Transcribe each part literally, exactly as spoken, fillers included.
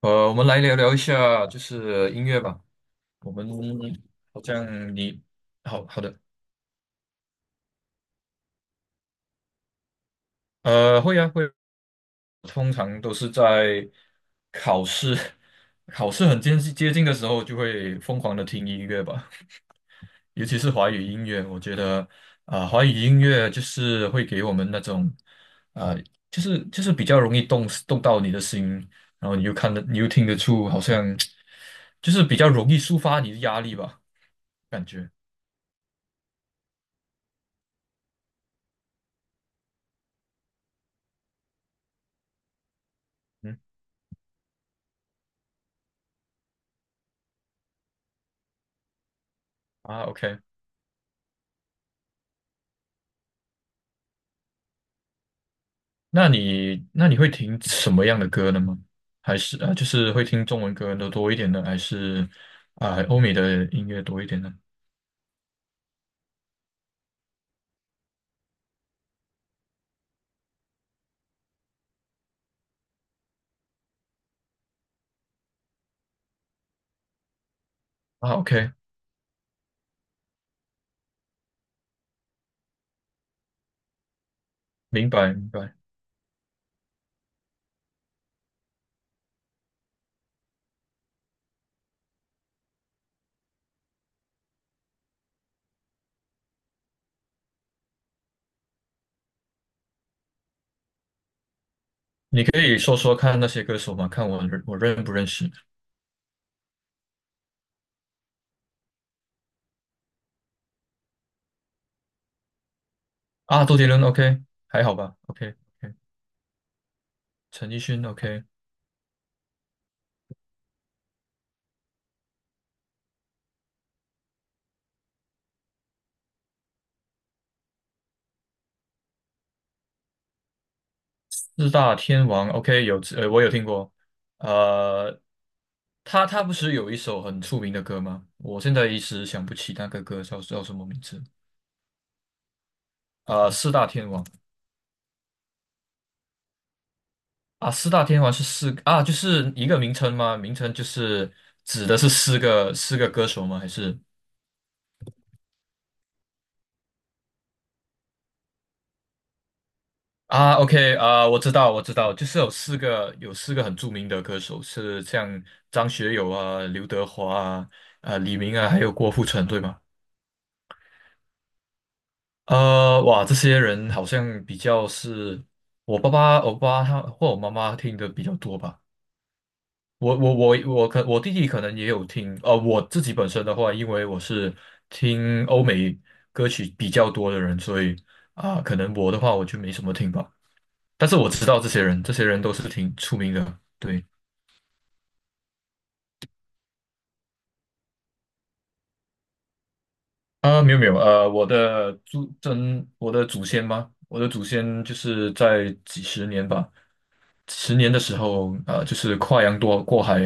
呃，我们来聊聊一下，就是音乐吧。我们好像你好好的，呃，会啊会啊，通常都是在考试 考试很接近接近的时候，就会疯狂的听音乐吧。尤其是华语音乐，我觉得啊、华语音乐就是会给我们那种啊、就是就是比较容易动动到你的心，然后你又看得，你又听得出，好像 就是比较容易抒发你的压力吧，感觉。嗯。啊，OK，那你那你会听什么样的歌呢吗？还是啊，呃就是会听中文歌的多一点呢，还是啊欧美的音乐多一点呢？啊，OK，明白明白。你可以说说看那些歌手吗？看我认我认不认识？啊？周杰伦，OK，还好吧？OK。 OK，陈奕迅，OK，四大天王，OK，有，呃我有听过。呃，他他不是有一首很出名的歌吗？我现在一时想不起那个歌叫叫什么名字。啊？四大天王啊，四大天王是四啊，就是一个名称吗？名称就是指的是四个四个歌手吗？还是？啊？OK 啊，我知道，我知道，就是有四个有四个很著名的歌手，是像张学友啊、刘德华啊、啊李明啊，还有郭富城，对吗？呃，哇，这些人好像比较是我爸爸、我爸爸他或我妈妈听的比较多吧。我我我我可我弟弟可能也有听，呃，我自己本身的话，因为我是听欧美歌曲比较多的人，所以啊，可能我的话我就没什么听吧。但是我知道这些人，这些人都是挺出名的。对啊，没有没有，呃，我的祖真，我的祖先吗？我的祖先就是在几十年吧，十年的时候，呃，就是跨洋多过海，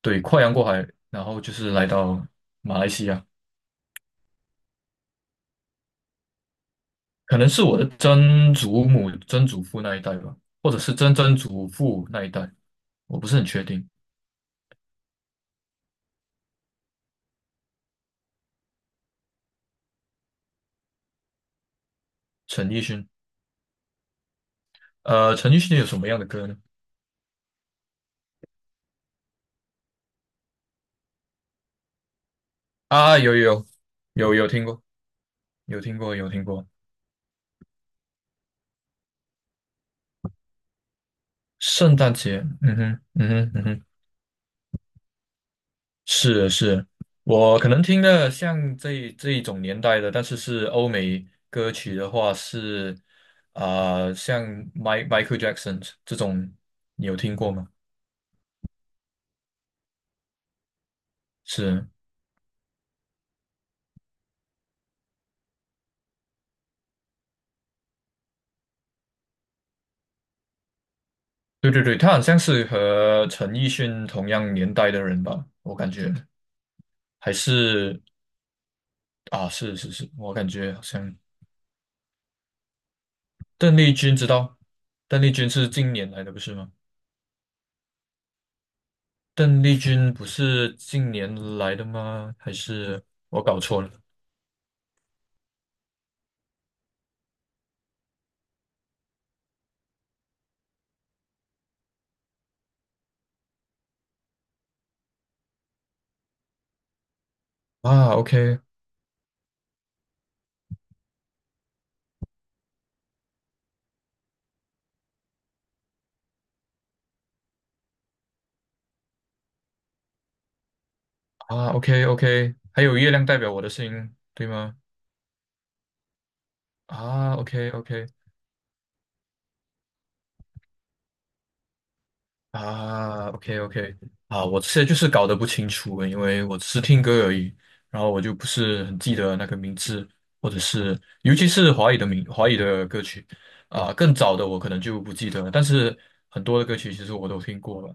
对，跨洋过海，然后就是来到马来西亚。可能是我的曾祖母、曾祖父那一代吧，或者是曾曾祖父那一代，我不是很确定。陈奕迅，呃，陈奕迅有什么样的歌呢？啊，有有有有有听过，有听过，有听过。圣诞节，嗯哼，嗯哼，嗯哼，是的是的，我可能听的像这这一种年代的，但是是欧美歌曲的话是，啊、像 m i Michael Jackson 这种，你有听过吗？是。对对对，他好像是和陈奕迅同样年代的人吧，我感觉还是啊，是是是，我感觉好像邓丽君知道，邓丽君是近年来的，不是吗？邓丽君不是近年来的吗？还是我搞错了？啊？OK。 啊，OK OK，还有月亮代表我的心，对吗？啊，OK OK。啊，OK OK。啊，我现在就是搞得不清楚，因为我只是听歌而已，然后我就不是很记得那个名字，或者是尤其是华语的名华语的歌曲啊，更早的我可能就不记得了，但是很多的歌曲其实我都听过了。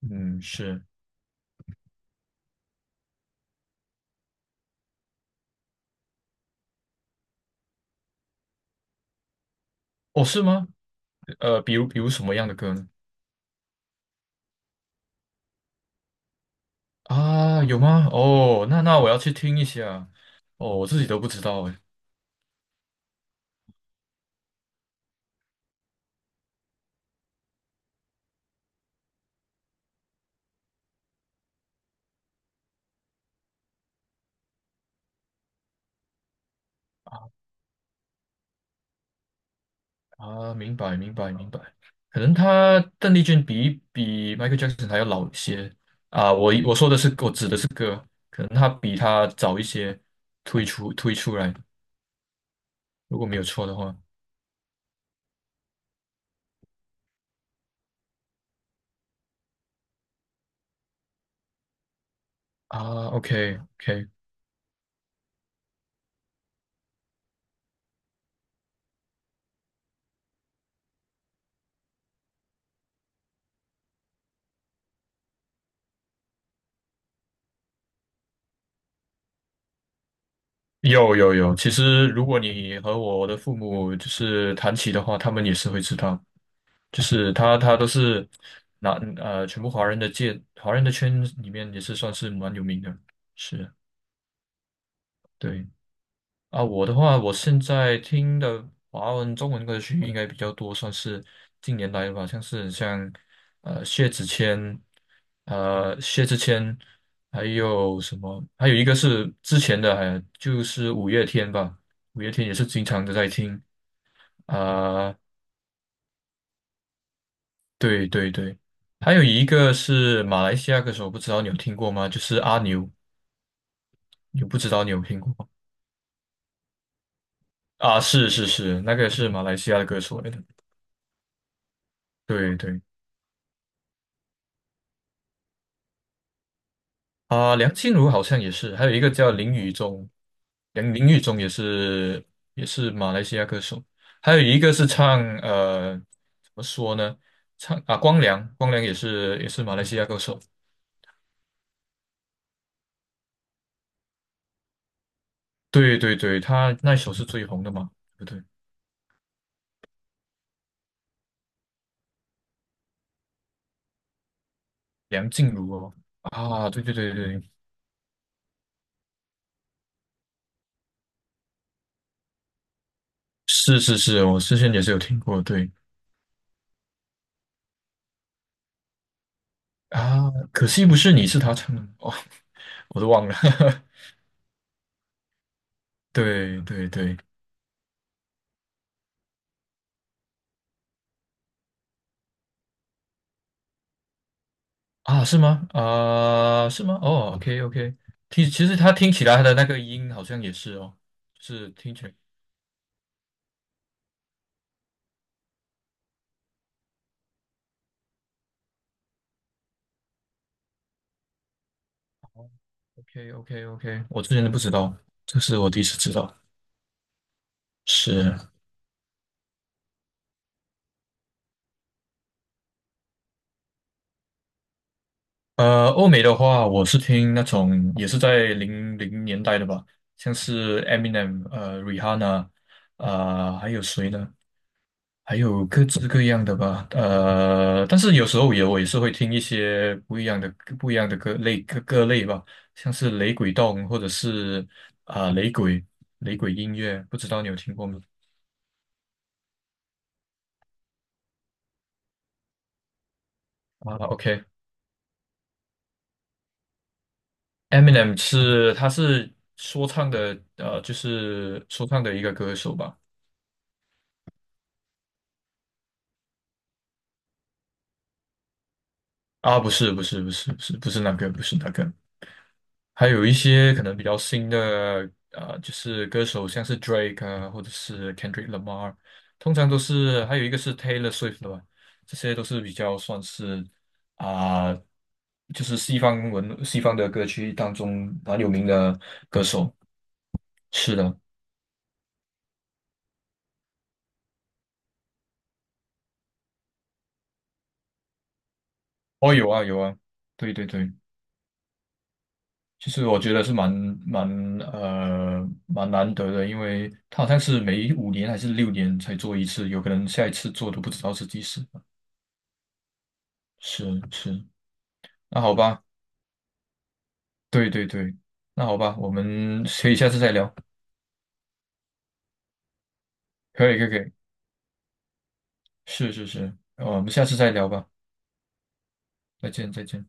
嗯，是，哦，是吗？呃，比如比如什么样的歌呢？啊，有吗？哦，那那我要去听一下。哦，我自己都不知道哎。啊，明白明白明白，可能他邓丽君比比 Michael Jackson 还要老一些啊。我我说的是我指的是歌，可能他比他早一些推出推出来，如果没有错的话。啊，OK OK，有有有，其实如果你和我的父母就是谈起的话，他们也是会知道，就是他他都是拿呃全部华人的界华人的圈里面也是算是蛮有名的，是对。啊，我的话，我现在听的华文、中文歌曲应该比较多，算是近年来的吧，像是像呃薛之谦，呃薛之谦，还有什么？还有一个是之前的，还就是五月天吧，五月天也是经常的在听啊、对对对，还有一个是马来西亚歌手，不知道你有听过吗？就是阿牛，你不知道你有听过吗？啊？是是是，那个是马来西亚的歌手来的，对对。啊，梁静茹好像也是，还有一个叫林宇中，梁林宇中也是也是马来西亚歌手，还有一个是唱，呃怎么说呢，唱啊光良，光良也是也是马来西亚歌手，对对对，他那首是最红的嘛，对不对？梁静茹哦，啊对对对对，是是是，我之前也是有听过，对啊，可惜不是你是他唱的哦，我都忘了，对对对，啊，是吗？啊、是吗？哦，OK，OK，听，其实它听起来它的那个音好像也是哦，就是听起来，OK，OK，OK，我之前都不知道，这是我第一次知道。是，呃，欧美的话，我是听那种也是在零零年代的吧，像是 Eminem，呃，Rihanna，呃，还有谁呢？还有各式各样的吧，呃，但是有时候也我也是会听一些不一样的不一样的歌类各各类吧，像是雷鬼动或者是啊、雷鬼雷鬼音乐，不知道你有听过吗？啊，OK，Eminem 是他是说唱的，呃，就是说唱的一个歌手吧？啊，不是不是不是不是不是那个不是那个，还有一些可能比较新的，呃，就是歌手，像是 Drake 啊，或者是 Kendrick Lamar，通常都是，还有一个是 Taylor Swift 的吧，这些都是比较算是啊、就是西方文西方的歌曲当中蛮有名的歌手。是的，哦，有啊，有啊，对对对，其实我觉得是蛮蛮呃蛮难得的，因为他好像是每五年还是六年才做一次，有可能下一次做都不知道是几时。是是。那好吧，对对对，那好吧，我们可以下次再聊，可以可以可以，是是是，呃我们下次再聊吧，再见再见。